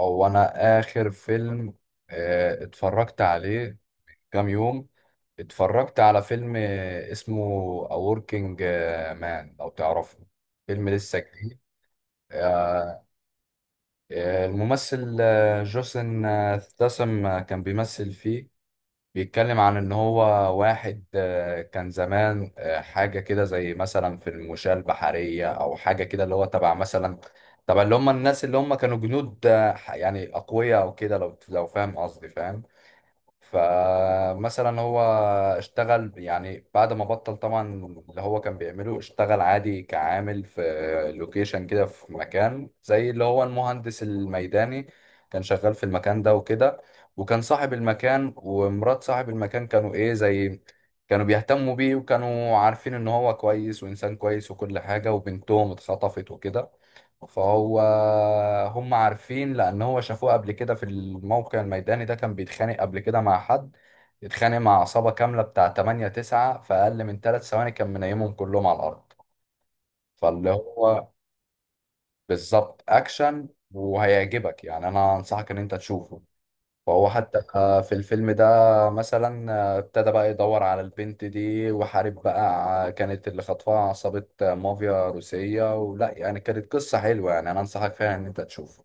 هو انا اخر فيلم اتفرجت عليه كام يوم. اتفرجت على فيلم اسمه A Working Man لو تعرفه، فيلم لسه جديد. آه، الممثل جوسن ستاثام كان بيمثل فيه. بيتكلم عن ان هو واحد كان زمان حاجه كده زي مثلا في المشاة البحريه او حاجه كده، اللي هو تبع مثلا تبع اللي هم الناس اللي هم كانوا جنود، يعني اقوياء او كده، لو فاهم قصدي فاهم. فمثلا هو اشتغل يعني بعد ما بطل طبعا اللي هو كان بيعمله، اشتغل عادي كعامل في لوكيشن كده، في مكان زي اللي هو المهندس الميداني. كان شغال في المكان ده وكده، وكان صاحب المكان ومرات صاحب المكان كانوا ايه، زي كانوا بيهتموا بيه وكانوا عارفين ان هو كويس وانسان كويس وكل حاجة. وبنتهم اتخطفت وكده، فهو هم عارفين لان هو شافوه قبل كده في الموقع الميداني ده كان بيتخانق قبل كده مع حد. اتخانق مع عصابة كاملة بتاع 8 9 في اقل من 3 ثواني كان منيمهم كلهم على الارض. فاللي هو بالظبط اكشن وهيعجبك، يعني انا انصحك ان انت تشوفه. فهو حتى في الفيلم ده مثلا ابتدى بقى يدور على البنت دي وحارب بقى، كانت اللي خطفها عصابة مافيا روسية ولا يعني. كانت قصة حلوة، يعني انا انصحك فعلا ان انت تشوفه.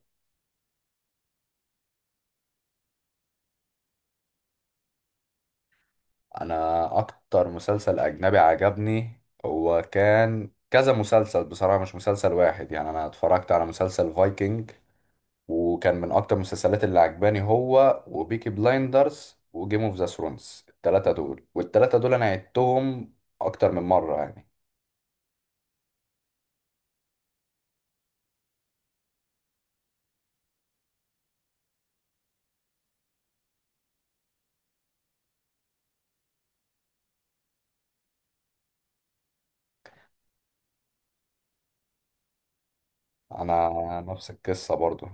انا اكتر مسلسل اجنبي عجبني هو كان كذا مسلسل بصراحة، مش مسلسل واحد. يعني انا اتفرجت على مسلسل فايكنج وكان من اكتر المسلسلات اللي عجباني، هو وبيكي بلايندرز وجيم اوف ذا ثرونز. التلاتة دول والتلاتة دول انا عدتهم اكتر من مرة يعني. انا نفس القصة برضو.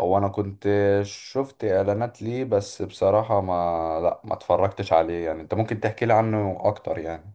هو انا كنت شفت اعلانات ليه بس بصراحة ما لا ما اتفرجتش عليه يعني. انت ممكن تحكي لي عنه اكتر يعني.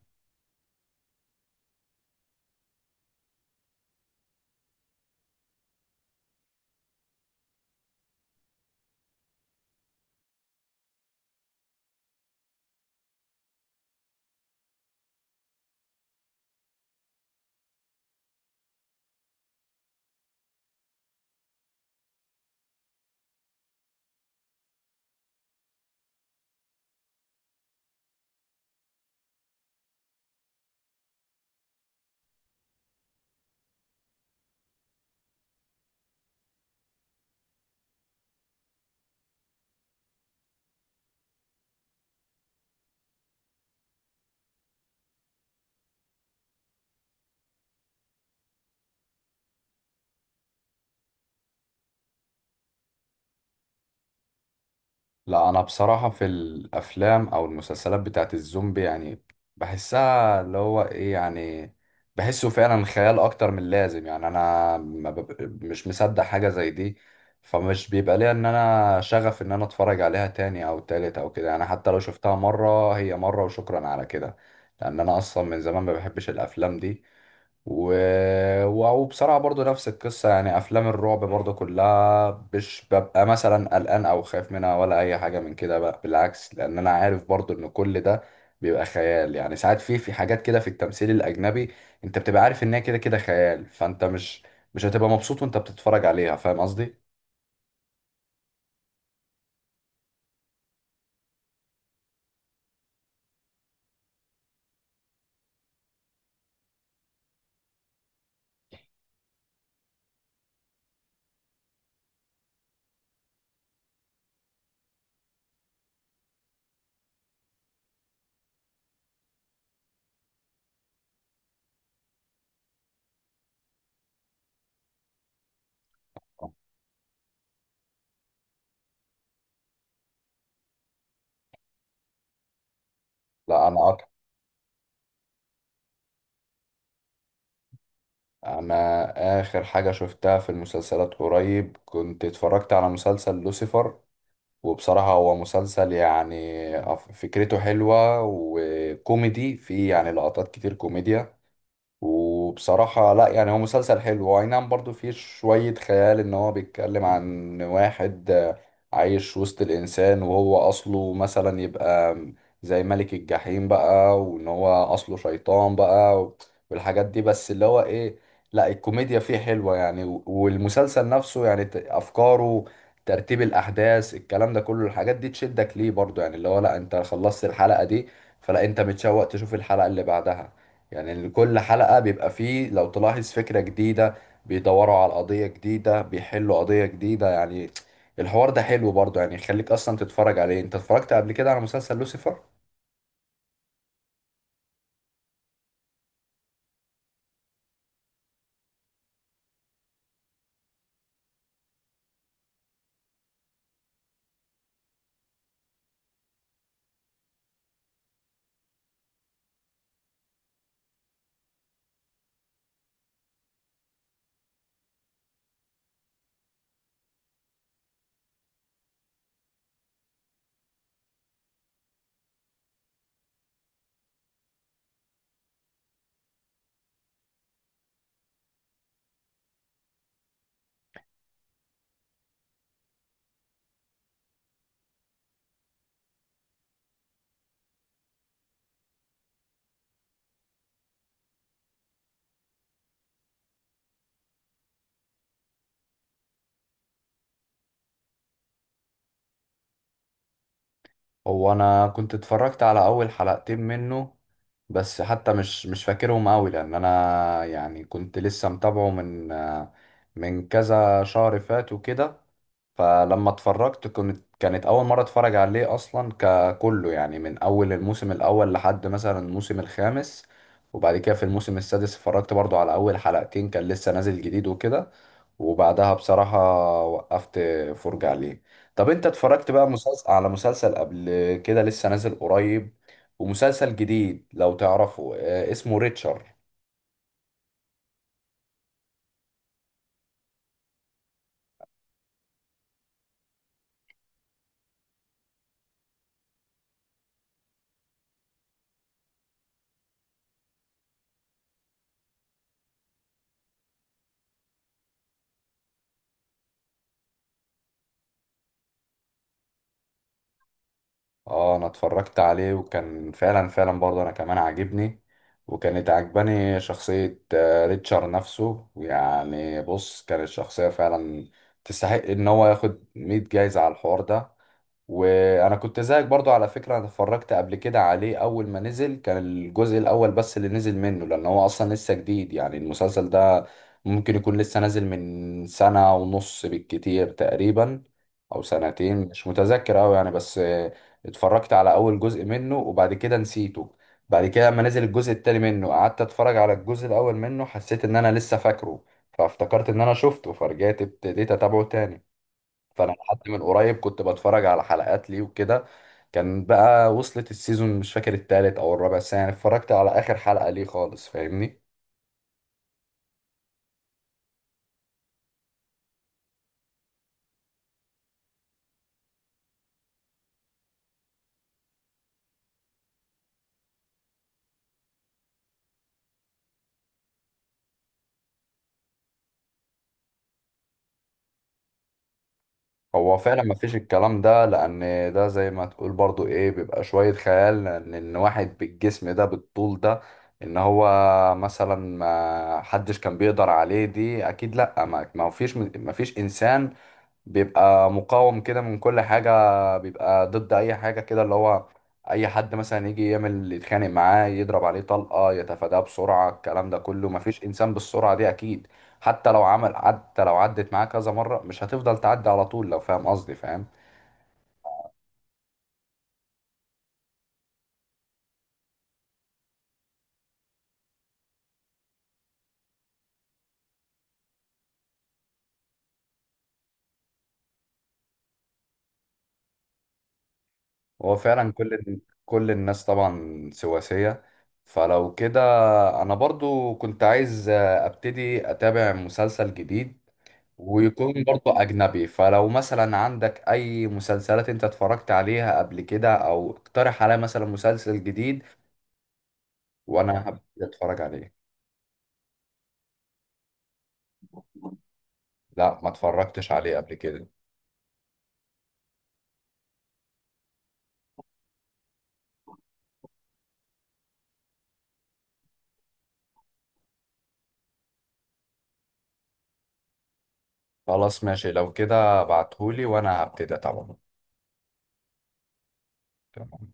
لا انا بصراحة في الافلام او المسلسلات بتاعت الزومبي يعني بحسها اللي هو ايه يعني، بحسه فعلا خيال اكتر من اللازم. يعني انا ما بب- مش مصدق حاجة زي دي. فمش بيبقى ليا ان انا شغف ان انا اتفرج عليها تاني او تالت او كده، يعني حتى لو شفتها مرة هي مرة وشكرا على كده. لان انا اصلا من زمان ما بحبش الافلام دي. و... و- وبصراحة برضو نفس القصة يعني. أفلام الرعب برضو كلها مش ببقى مثلا قلقان أو خايف منها ولا أي حاجة من كده بقى، بالعكس، لأن أنا عارف برضو إن كل ده بيبقى خيال. يعني ساعات في حاجات كده في التمثيل الأجنبي أنت بتبقى عارف إن هي كده كده خيال، فأنت مش هتبقى مبسوط وأنت بتتفرج عليها، فاهم قصدي؟ لا أنا أكتر. أنا آخر حاجة شفتها في المسلسلات قريب كنت اتفرجت على مسلسل لوسيفر. وبصراحة هو مسلسل يعني فكرته حلوة وكوميدي فيه، يعني لقطات كتير كوميديا. وبصراحة لا، يعني هو مسلسل حلو، هو أي نعم برضو فيه شوية خيال إن هو بيتكلم عن واحد عايش وسط الإنسان وهو أصله مثلا يبقى زي ملك الجحيم بقى، وإن هو أصله شيطان بقى والحاجات دي، بس اللي هو إيه، لا الكوميديا فيه حلوة يعني. و- والمسلسل نفسه يعني أفكاره، ترتيب الأحداث، الكلام ده كله الحاجات دي تشدك ليه برضو، يعني اللي هو لا أنت خلصت الحلقة دي فلا أنت متشوق تشوف الحلقة اللي بعدها. يعني إن كل حلقة بيبقى فيه لو تلاحظ فكرة جديدة، بيدوروا على قضية جديدة بيحلوا قضية جديدة يعني. الحوار ده حلو برضه، يعني يخليك أصلا تتفرج عليه. أنت اتفرجت قبل كده على مسلسل لوسيفر؟ هو أنا كنت اتفرجت على أول حلقتين منه، بس حتى مش فاكرهم أوي، لأن أنا يعني كنت لسه متابعه من كذا شهر فات وكده. فلما اتفرجت كنت، كانت اول مره اتفرج عليه اصلا ككله، يعني من اول الموسم الاول لحد مثلا الموسم الخامس. وبعد كده في الموسم السادس اتفرجت برضو على اول حلقتين، كان لسه نازل جديد وكده. وبعدها بصراحه وقفت فرجة عليه. طب انت اتفرجت بقى مسلسل، على مسلسل قبل كده لسه نازل قريب ومسلسل جديد لو تعرفه، اسمه ريتشارد؟ اه انا اتفرجت عليه وكان فعلا فعلا برضه انا كمان عاجبني. وكانت عجباني شخصية ريتشارد نفسه. يعني بص، كانت شخصية فعلا تستحق ان هو ياخد 100 جايزة على الحوار ده. وانا كنت زيك برضو على فكرة، انا اتفرجت قبل كده عليه اول ما نزل، كان الجزء الاول بس اللي نزل منه لان هو اصلا لسه جديد يعني المسلسل ده. ممكن يكون لسه نازل من سنة ونص بالكتير تقريبا، او سنتين مش متذكر اوي يعني. بس اتفرجت على اول جزء منه وبعد كده نسيته. بعد كده لما نزل الجزء التاني منه قعدت اتفرج على الجزء الاول منه، حسيت ان انا لسه فاكره. فافتكرت ان انا شفته، فرجعت ابتديت اتابعه تاني. فانا لحد من قريب كنت بتفرج على حلقات ليه وكده. كان بقى وصلت السيزون مش فاكر التالت او الرابع، بس يعني اتفرجت على اخر حلقة ليه خالص، فاهمني؟ هو فعلا ما فيش الكلام ده، لان ده زي ما تقول برضو ايه، بيبقى شوية خيال. لان ان واحد بالجسم ده بالطول ده ان هو مثلا ما حدش كان بيقدر عليه، دي اكيد لا. ما فيش انسان بيبقى مقاوم كده من كل حاجة، بيبقى ضد أي حاجة كده، اللي هو أي حد مثلا يجي يعمل يتخانق معاه يضرب عليه طلقة يتفاداه بسرعة، الكلام ده كله مفيش إنسان بالسرعة دي أكيد. حتى لو عدت معاه كذا مرة مش هتفضل تعدي على طول، لو فاهم قصدي فاهم. هو فعلا كل الناس طبعا سواسية. فلو كده أنا برضو كنت عايز أبتدي أتابع مسلسل جديد، ويكون برضه أجنبي. فلو مثلا عندك أي مسلسلات أنت اتفرجت عليها قبل كده، أو اقترح عليا مثلا مسلسل جديد وأنا هبتدي أتفرج عليه. لا ما اتفرجتش عليه قبل كده. خلاص ماشي، لو كده ابعتهولي وأنا هبتدي طبعا. تمام.